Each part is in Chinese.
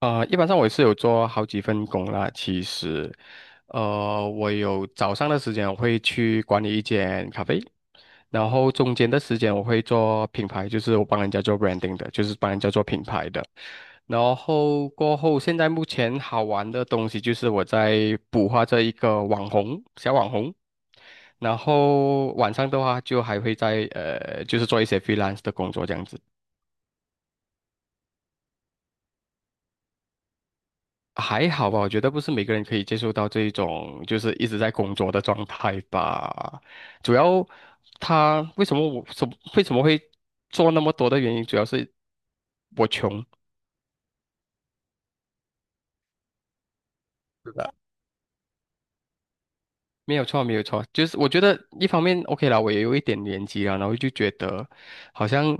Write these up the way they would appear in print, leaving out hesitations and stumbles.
一般上我也是有做好几份工啦。其实，我有早上的时间我会去管理一间咖啡，然后中间的时间我会做品牌，就是我帮人家做 branding 的，就是帮人家做品牌的。然后过后，现在目前好玩的东西就是我在捕获这一个小网红，然后晚上的话就还会在就是做一些 freelance 的工作这样子。还好吧，我觉得不是每个人可以接受到这一种就是一直在工作的状态吧。主要他为什么我什为什么会做那么多的原因，主要是我穷，没有错，没有错。就是我觉得一方面 OK 啦，我也有一点年纪了，然后就觉得好像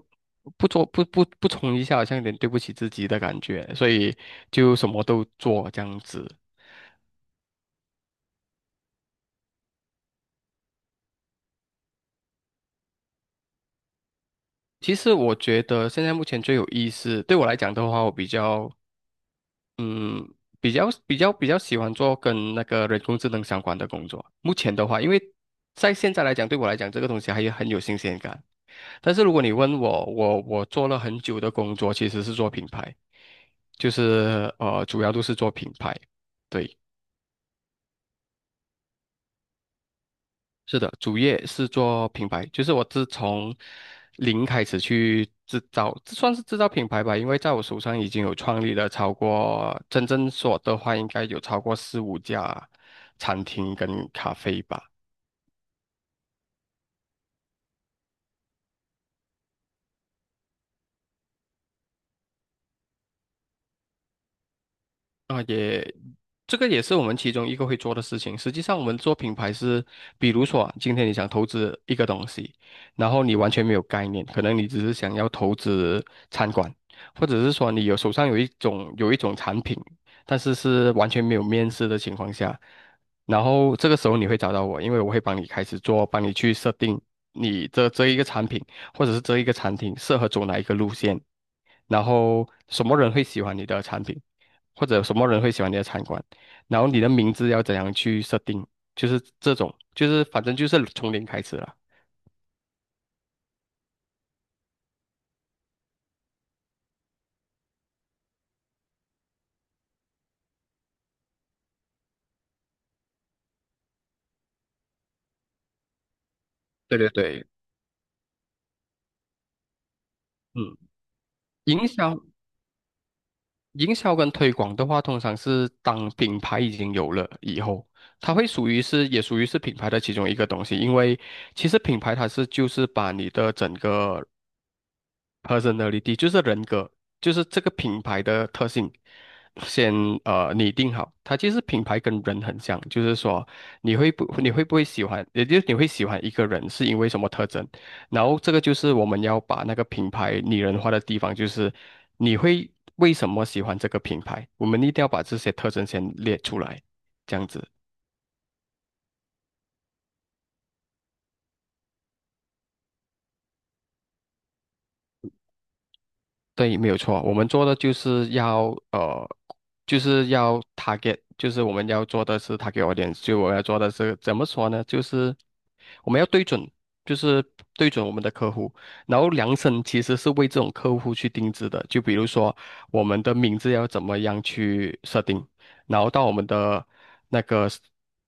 不做不不不冲一下，好像有点对不起自己的感觉，所以就什么都做这样子。其实我觉得现在目前最有意思，对我来讲的话，我比较嗯，比较喜欢做跟那个人工智能相关的工作。目前的话，因为在现在来讲，对我来讲，这个东西很有新鲜感。但是如果你问我，我做了很久的工作，其实是做品牌，就是主要都是做品牌。对。是的，主业是做品牌，就是我自从零开始去制造，这算是制造品牌吧，因为在我手上已经有创立了超过，真正说的话应该有超过四五家餐厅跟咖啡吧。啊也。这个也是我们其中一个会做的事情。实际上，我们做品牌是，比如说啊今天你想投资一个东西，然后你完全没有概念，可能你只是想要投资餐馆，或者是说你手上有一种产品，是完全没有面试的情况下，然后这个时候你会找到我，因为我会帮你开始做，帮你去设定你这一个产品，或者是这一个产品适合走哪一个路线，然后什么人会喜欢你的产品，或者什么人会喜欢你的餐馆。然后你的名字要怎样去设定，就是这种，就是反正就是从零开始了。对对对，嗯，营销、营销跟推广的话，通常是当品牌已经有了以后，它会属于是也属于是品牌的其中一个东西，因为其实品牌就是把你的整个 personality 就是人格，就是这个品牌的特性，先拟定好。它其实品牌跟人很像，就是说你会不会喜欢，也就是你会喜欢一个人是因为什么特征。然后这个就是我们要把那个品牌拟人化的地方，就是你会为什么喜欢这个品牌，我们一定要把这些特征先列出来，这样子。对，没有错，我们做的就是要呃，就是要 target，就是我们要做的是 target audience，就我们要做的是怎么说呢？就是我们要对准，就是对准我们的客户，然后量身其实是为这种客户去定制的。就比如说我们的名字要怎么样去设定，然后到我们的那个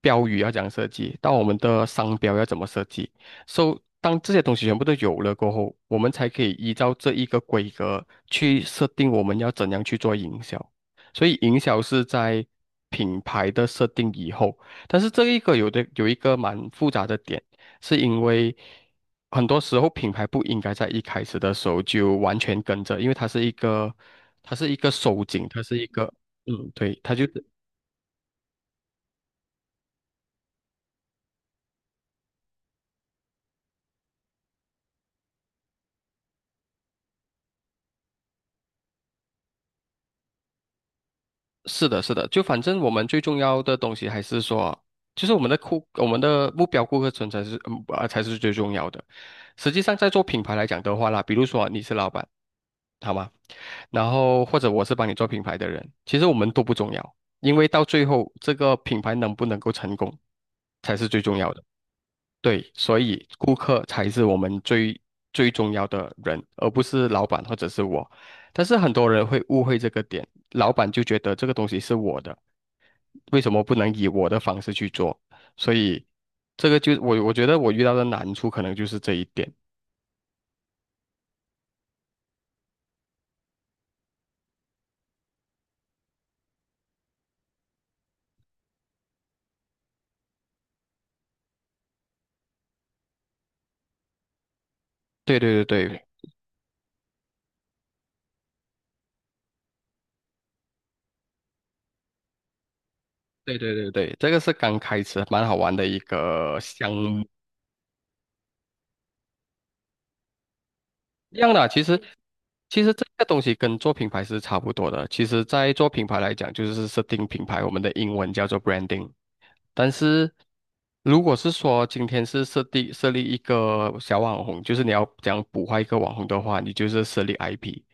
标语要怎样设计，到我们的商标要怎么设计。So，当这些东西全部都有了过后，我们才可以依照这一个规格去设定我们要怎样去做营销。所以，营销是在品牌的设定以后，但是这一个有的有一个蛮复杂的点，是因为很多时候品牌不应该在一开始的时候就完全跟着，因为它是一个收紧，它是一个对，是的，是的，就反正我们最重要的东西还是说，就是我们的目标顾客层才是，才是最重要的。实际上，在做品牌来讲的话啦，比如说你是老板，好吗？然后或者我是帮你做品牌的人，其实我们都不重要，因为到最后这个品牌能不能够成功才是最重要的。对，所以顾客才是我们最重要的人，而不是老板或者是我。但是很多人会误会这个点，老板就觉得这个东西是我的，为什么不能以我的方式去做？所以这个就我觉得我遇到的难处可能就是这一点。对对对对对对对对，这个是刚开始蛮好玩的一个项目。一样的，其实这个东西跟做品牌是差不多的。其实，在做品牌来讲，就是设定品牌，我们的英文叫做 branding。但是如果是说今天是设立一个小网红，就是你要讲捕获一个网红的话，你就是设立 IP。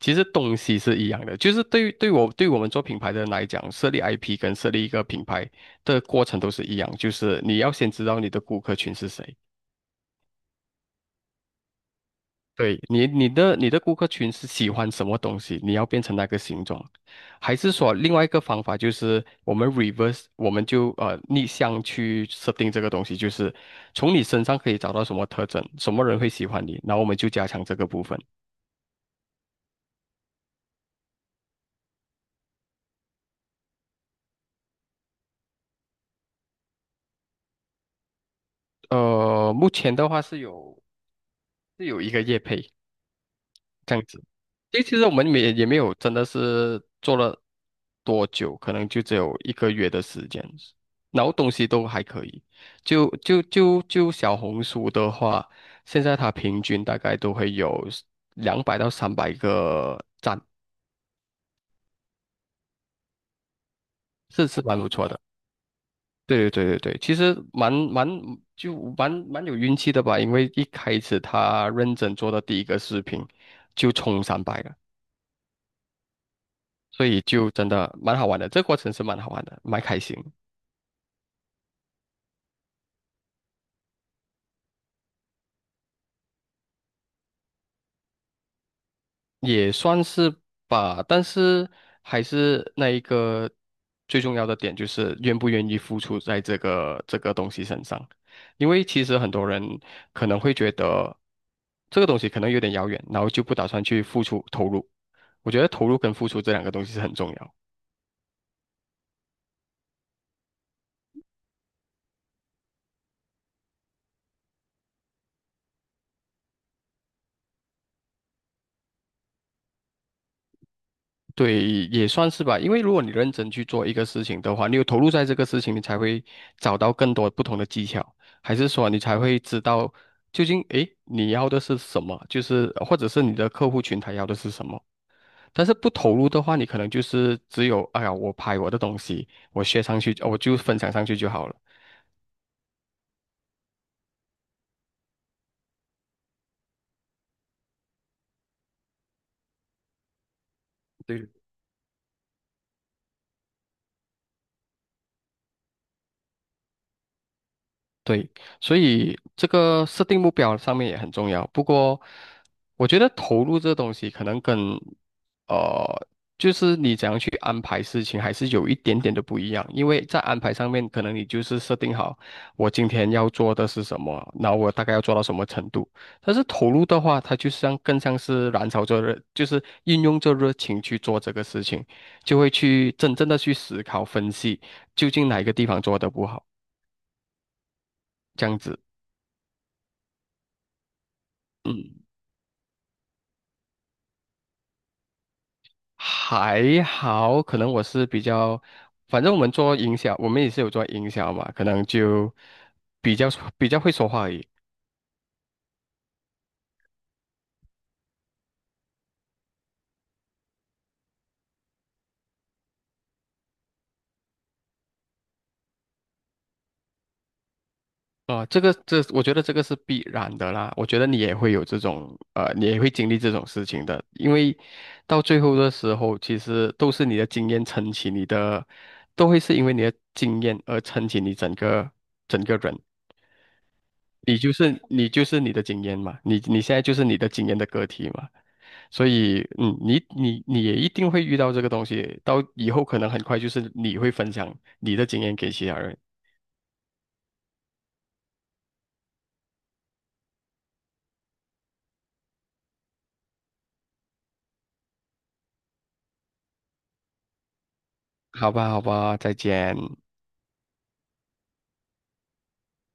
其实东西是一样的，就是对于对我对我们做品牌的人来讲，设立 IP 跟设立一个品牌的过程都是一样，就是你要先知道你的顾客群是谁。你的顾客群是喜欢什么东西，你要变成那个形状，还是说另外一个方法就是我们 reverse，我们就逆向去设定这个东西，就是从你身上可以找到什么特征，什么人会喜欢你，然后我们就加强这个部分。目前的话是有一个业配，这样子。因为其实我们也没有真的是做了多久，可能就只有1个月的时间，然后东西都还可以。就小红书的话，现在它平均大概都会有200到300个赞，是蛮不错的。对对对对对，其实蛮蛮就蛮蛮有运气的吧，因为一开始他认真做的第一个视频就冲三百了。所以就真的蛮好玩的，这个过程是蛮好玩的，蛮开心，也算是吧。但是还是那一个最重要的点，就是愿不愿意付出在这个东西身上，因为其实很多人可能会觉得这个东西可能有点遥远，然后就不打算去付出投入。我觉得投入跟付出这两个东西是很重要。对，也算是吧。因为如果你认真去做一个事情的话，你有投入在这个事情，你才会找到更多不同的技巧，还是说你才会知道究竟你要的是什么，就是或者是你的客户群他要的是什么。但是不投入的话，你可能就是只有哎呀，我拍我的东西，我学上去，我就分享上去就好了。对。对，所以这个设定目标上面也很重要。不过，我觉得投入这东西可能跟呃，就是你怎样去安排事情，还是有一点点的不一样。因为在安排上面，可能你就是设定好我今天要做的是什么，然后我大概要做到什么程度。但是投入的话，它更像是燃烧着热，就是运用着热情去做这个事情，就会去真正的去思考分析，究竟哪一个地方做得不好，这样子。嗯。还好，可能我是反正我们做营销，我们也是有做营销嘛，可能就比较比较会说话而已。啊、这个这，我觉得这个是必然的啦。我觉得你也会有这种，你也会经历这种事情的，因为到最后的时候，其实都是你的经验撑起你的，都会是因为你的经验而撑起你整个人。你就是你的经验嘛，你现在就是你的经验的个体嘛，所以你也一定会遇到这个东西，到以后可能很快就是你会分享你的经验给其他人，好吧，好吧，再见。